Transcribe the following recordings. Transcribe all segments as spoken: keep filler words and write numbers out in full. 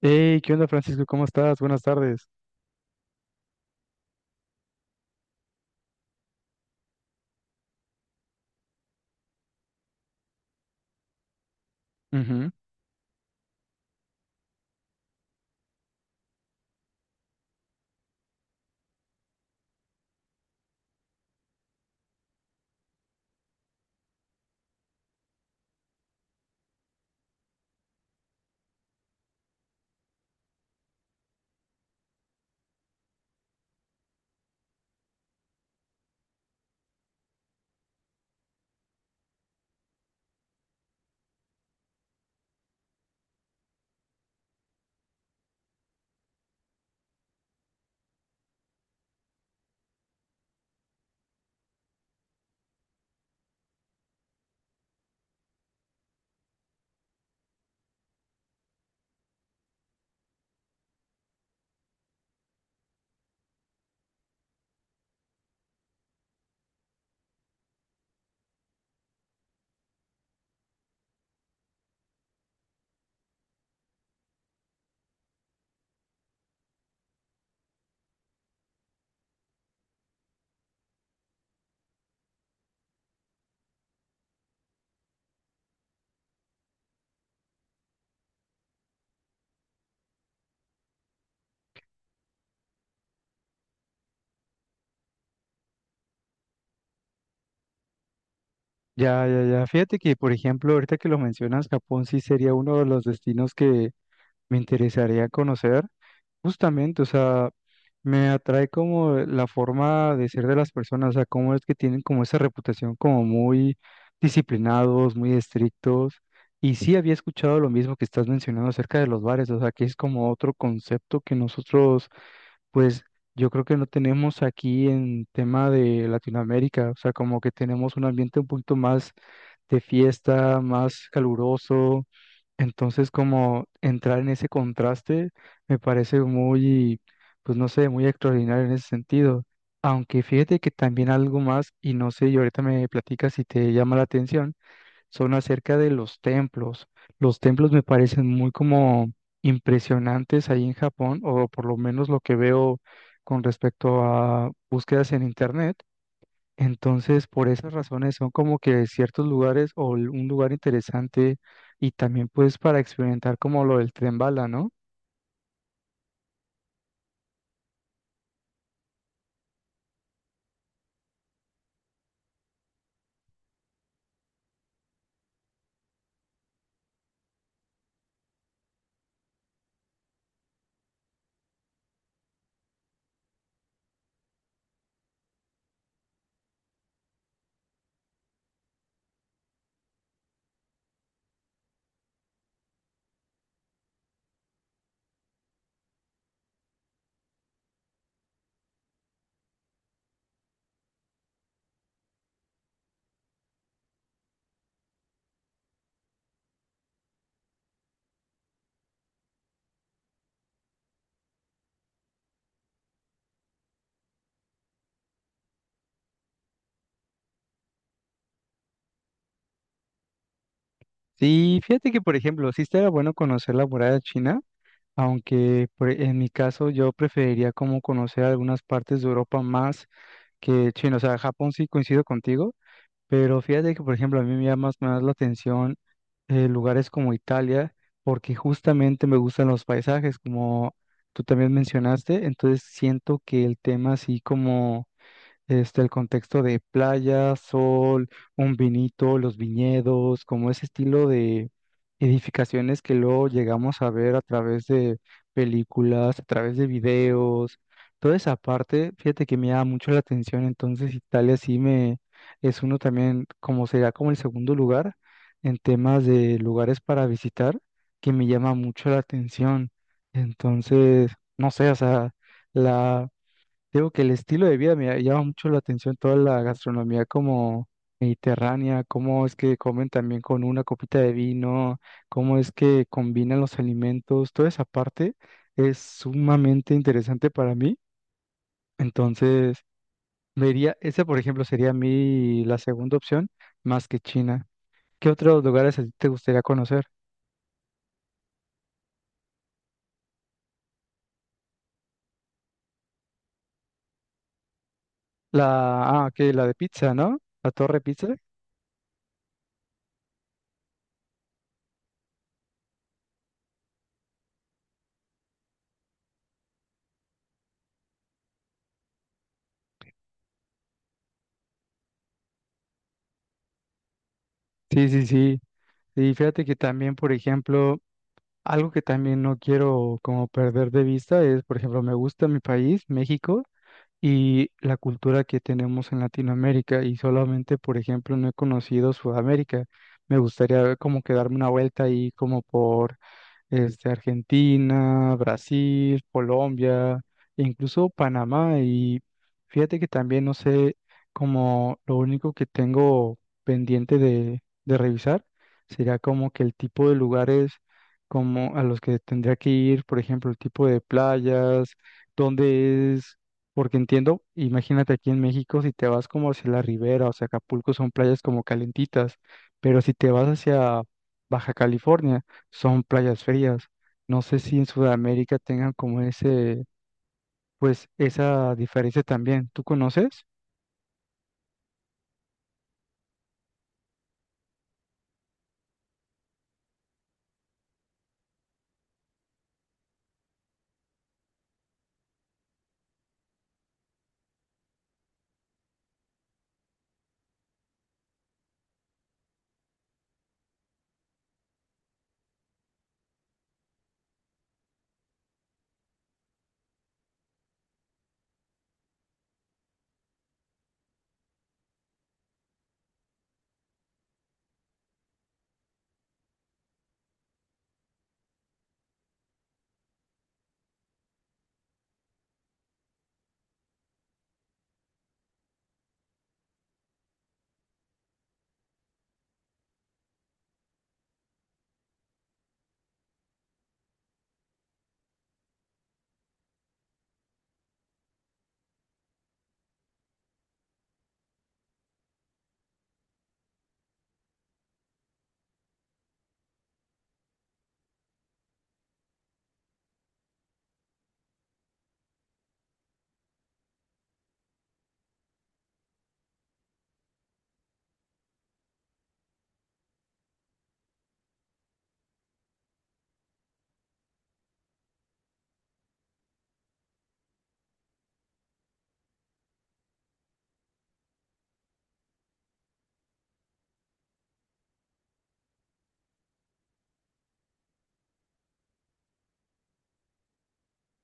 Hey, ¿qué onda, Francisco? ¿Cómo estás? Buenas tardes. Ujú. Ya, ya, ya. Fíjate que, por ejemplo, ahorita que lo mencionas, Japón sí sería uno de los destinos que me interesaría conocer. Justamente, o sea, me atrae como la forma de ser de las personas, o sea, cómo es que tienen como esa reputación como muy disciplinados, muy estrictos. Y sí había escuchado lo mismo que estás mencionando acerca de los bares, o sea, que es como otro concepto que nosotros, pues yo creo que no tenemos aquí en tema de Latinoamérica, o sea, como que tenemos un ambiente un poquito más de fiesta, más caluroso, entonces como entrar en ese contraste me parece muy, pues no sé, muy extraordinario en ese sentido. Aunque fíjate que también algo más, y no sé, y ahorita me platicas si te llama la atención, son acerca de los templos. Los templos me parecen muy como impresionantes ahí en Japón, o por lo menos lo que veo con respecto a búsquedas en internet. Entonces, por esas razones son como que ciertos lugares o l- un lugar interesante, y también pues para experimentar como lo del tren bala, ¿no? Sí, fíjate que por ejemplo, sí estaría bueno conocer la muralla china, aunque por- e, en mi caso yo preferiría como conocer algunas partes de Europa más. Que chin, o sea, Japón sí coincido contigo, pero fíjate que, por ejemplo, a mí me llama más, más la atención, eh, lugares como Italia, porque justamente me gustan los paisajes, como tú también mencionaste, entonces siento que el tema así como este, el contexto de playa, sol, un vinito, los viñedos, como ese estilo de edificaciones que luego llegamos a ver a través de películas, a través de videos, toda esa parte, fíjate que me llama mucho la atención, entonces Italia sí me es uno también, como sería como el segundo lugar en temas de lugares para visitar, que me llama mucho la atención. Entonces, no sé, o sea, la digo que el estilo de vida me llama mucho la atención, toda la gastronomía como mediterránea, cómo es que comen también con una copita de vino, cómo es que combinan los alimentos, toda esa parte es sumamente interesante para mí. Entonces, vería, esa por ejemplo sería mi la segunda opción, más que China. ¿Qué otros lugares a ti te gustaría conocer? La, ah, que la de pizza, ¿no? La Torre Pizza. Sí, sí, sí. Y fíjate que también, por ejemplo, algo que también no quiero como perder de vista es, por ejemplo, me gusta mi país, México, y la cultura que tenemos en Latinoamérica, y solamente, por ejemplo, no he conocido Sudamérica. Me gustaría como que darme una vuelta ahí como por este, Argentina, Brasil, Colombia, e incluso Panamá. Y fíjate que también no sé, como lo único que tengo pendiente de, de revisar sería como que el tipo de lugares como a los que tendría que ir, por ejemplo, el tipo de playas, dónde es, porque entiendo, imagínate aquí en México, si te vas como hacia la ribera, o sea, Acapulco son playas como calentitas, pero si te vas hacia Baja California, son playas frías. No sé si en Sudamérica tengan como ese, pues esa diferencia también. ¿Tú conoces?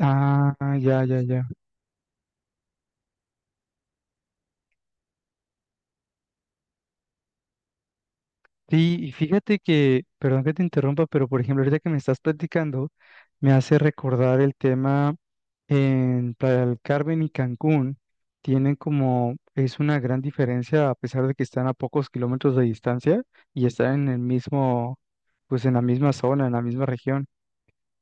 Ah, ya, ya, ya. Sí, y fíjate que, perdón que te interrumpa, pero por ejemplo, ahorita que me estás platicando, me hace recordar el tema en Playa del Carmen y Cancún. Tienen como, es una gran diferencia a pesar de que están a pocos kilómetros de distancia y están en el mismo, pues en la misma zona, en la misma región,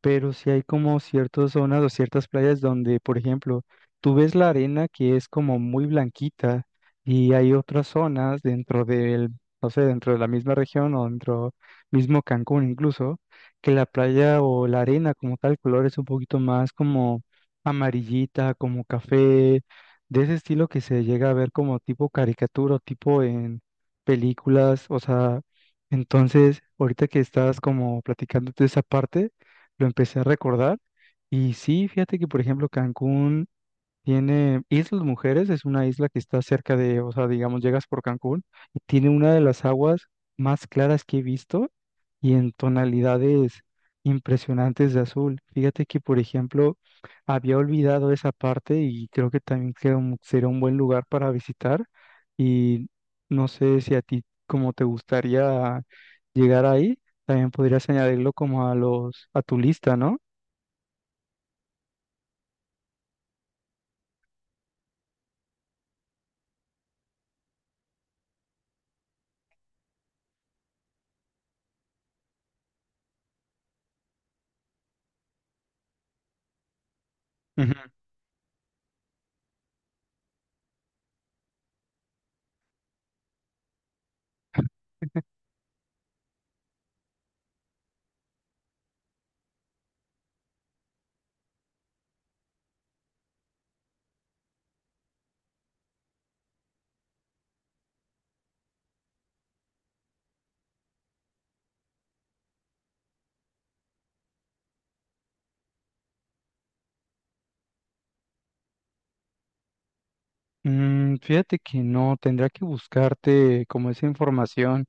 pero sí hay como ciertas zonas o ciertas playas donde, por ejemplo, tú ves la arena que es como muy blanquita, y hay otras zonas dentro del, no sé, dentro de la misma región o dentro mismo Cancún incluso, que la playa o la arena como tal color es un poquito más como amarillita, como café, de ese estilo que se llega a ver como tipo caricatura, o tipo en películas, o sea, entonces, ahorita que estás como platicándote esa parte, lo empecé a recordar. Y sí, fíjate que, por ejemplo, Cancún tiene Islas Mujeres, es una isla que está cerca de, o sea, digamos, llegas por Cancún y tiene una de las aguas más claras que he visto y en tonalidades impresionantes de azul. Fíjate que, por ejemplo, había olvidado esa parte y creo que también que un- sería un buen lugar para visitar, y no sé si a ti como te gustaría llegar ahí, también podrías añadirlo como a los a tu lista, ¿no? Ujú. Mm, fíjate que no, tendría que buscarte como esa información,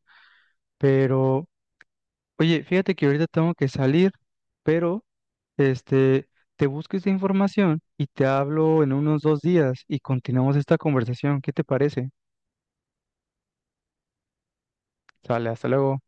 pero oye, fíjate que ahorita tengo que salir, pero este, te busco esta información y te hablo en unos dos días y continuamos esta conversación. ¿Qué te parece? Sale, hasta luego.